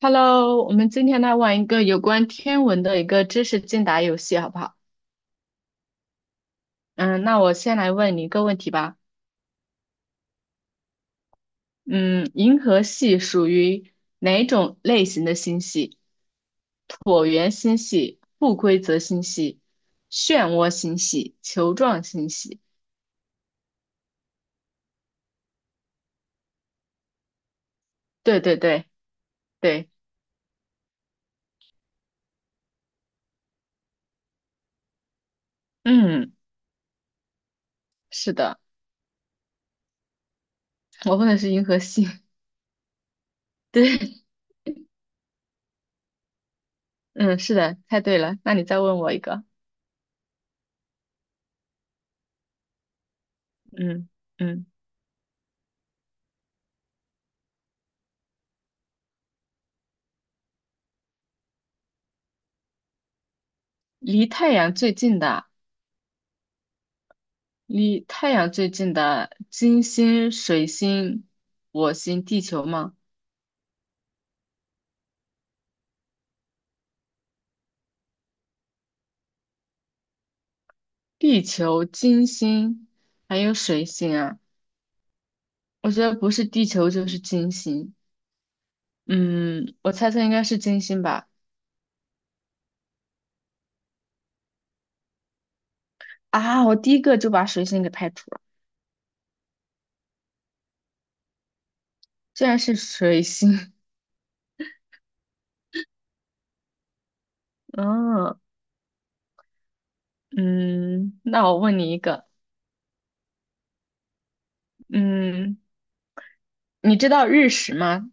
Hello，我们今天来玩一个有关天文的一个知识竞答游戏，好不好？嗯，那我先来问你一个问题吧。嗯，银河系属于哪种类型的星系？椭圆星系、不规则星系、漩涡星系、球状星系。对对对对，嗯，是的，我问的是银河系。对，嗯，是的，猜对了。那你再问我一个。嗯嗯，离太阳最近的。离太阳最近的金星、水星、火星、地球吗？地球、金星还有水星啊，我觉得不是地球就是金星。嗯，我猜测应该是金星吧。啊，我第一个就把水星给排除了，竟然是水星。嗯嗯，那我问你一个，嗯，你知道日食吗？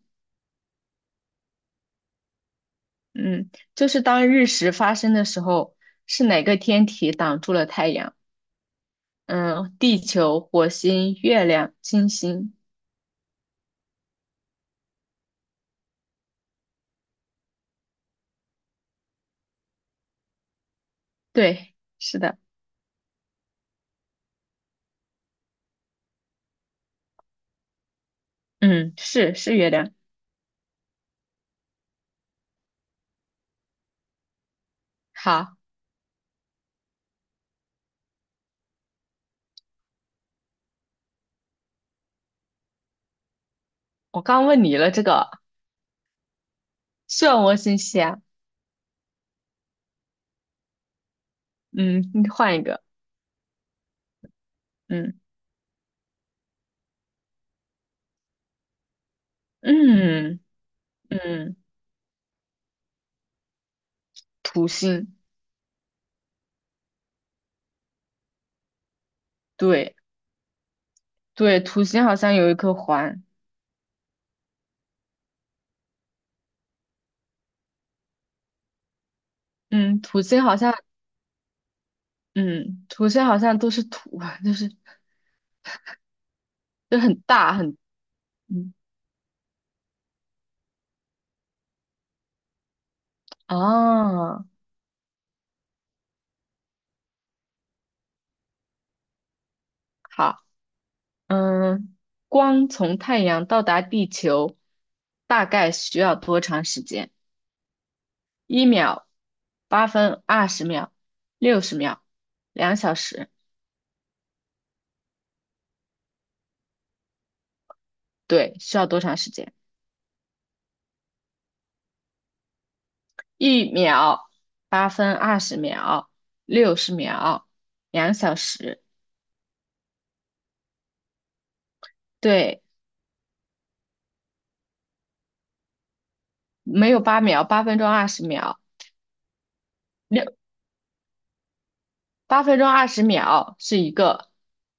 嗯，就是当日食发生的时候，是哪个天体挡住了太阳？嗯，地球、火星、月亮、金星，对，是的，嗯，是月亮。好，我刚问你了这个漩涡星系啊，嗯，你换一个，嗯嗯嗯，土星，对对，土星好像有一颗环，嗯，土星好像，嗯，土星好像都是土啊，就是就很大很，嗯，哦，好。嗯，光从太阳到达地球大概需要多长时间？一秒、八分、二十秒、六十秒、两小时。对，需要多长时间？一秒、八分、二十秒、六十秒、两小时。对，没有8秒，八分钟二十秒，六八分钟二十秒是一个，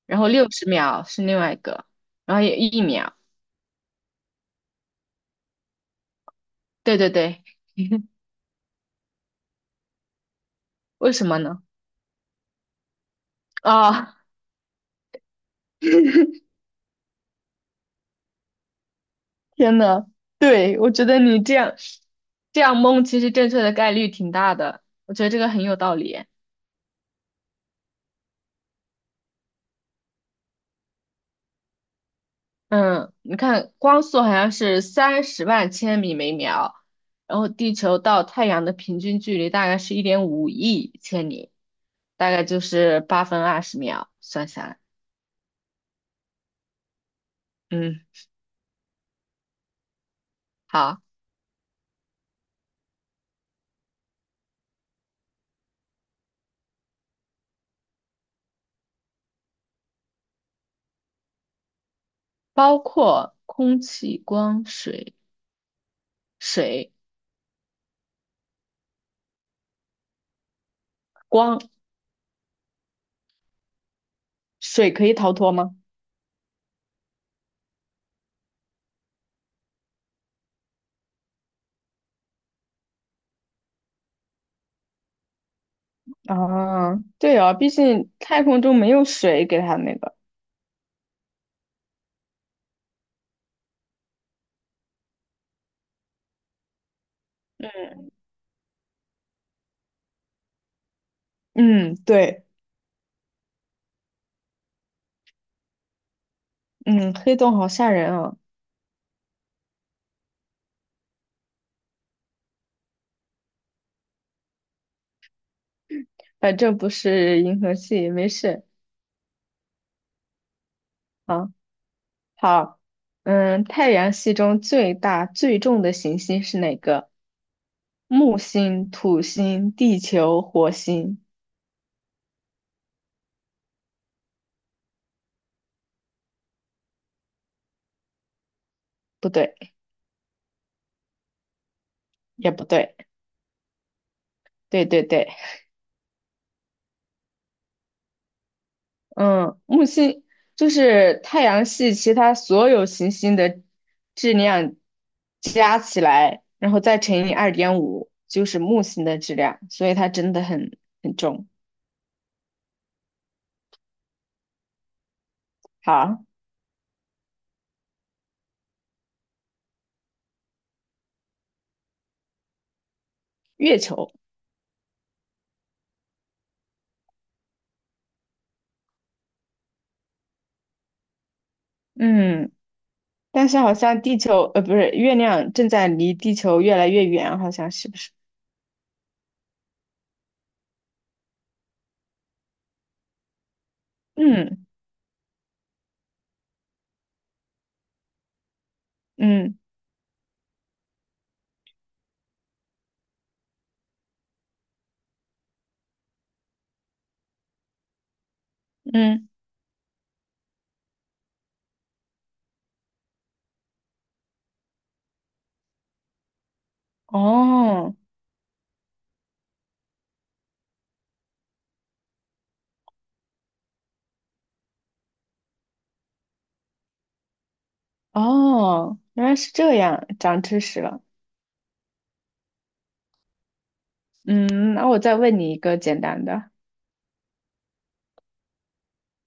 然后六十秒是另外一个，然后有一秒。对对对，为什么呢？啊？天呐，对，我觉得你这样蒙，其实正确的概率挺大的，我觉得这个很有道理。嗯，你看光速好像是30万千米每秒，然后地球到太阳的平均距离大概是1.5亿千米，大概就是8分20秒，算下来，嗯，好，包括空气、光、水、水、光、水可以逃脱吗？啊，对哦，毕竟太空中没有水给它那个。嗯，对，嗯，黑洞好吓人啊，反正不是银河系，没事啊。好，嗯，太阳系中最大最重的行星是哪个？木星、土星、地球、火星？不对，也不对，对对对，嗯，木星就是太阳系其他所有行星的质量加起来，然后再乘以2.5，就是木星的质量，所以它真的很重。好。月球，嗯，但是好像地球，不是，月亮正在离地球越来越远，好像是不是？嗯嗯嗯，哦哦，原来是这样，长知识了。嗯，那我再问你一个简单的，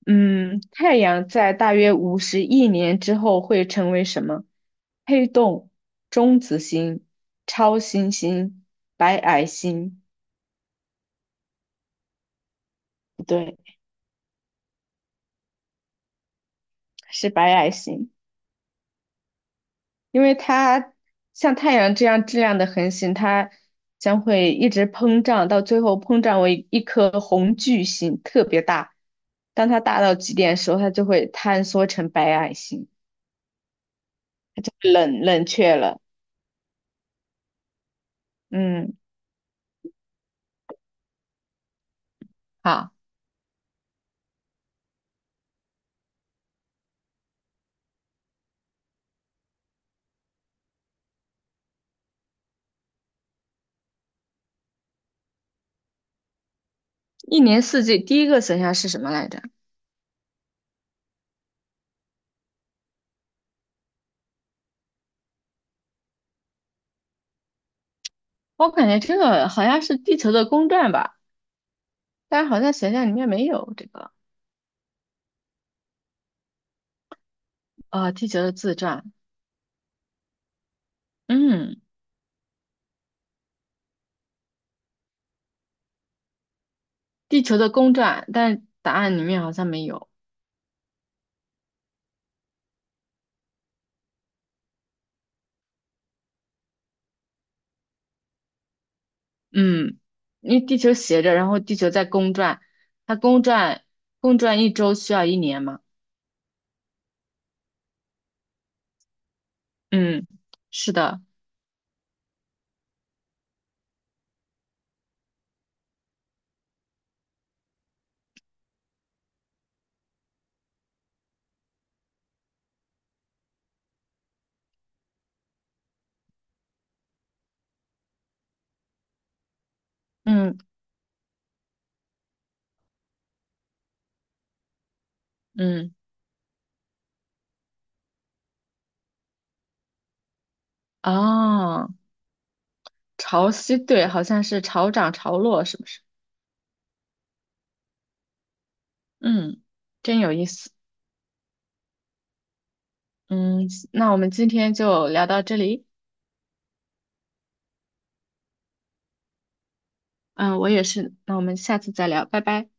嗯，太阳在大约50亿年之后会成为什么？黑洞、中子星、超新星、白矮星？不对，是白矮星。因为它像太阳这样质量的恒星，它将会一直膨胀，到最后膨胀为一颗红巨星，特别大。当它大到极点的时候，它就会坍缩成白矮星，冷却了。嗯，好，一年四季第一个选项是什么来着？我感觉这个好像是地球的公转吧，但是好像选项里面没有这个。啊、地球的自转，嗯，地球的公转，但答案里面好像没有。嗯，因为地球斜着，然后地球在公转，它公转一周需要一年嘛。嗯，是的，嗯嗯，哦，潮汐对，好像是潮涨潮落，是不是？嗯，真有意思。嗯，那我们今天就聊到这里。嗯，我也是，那我们下次再聊，拜拜。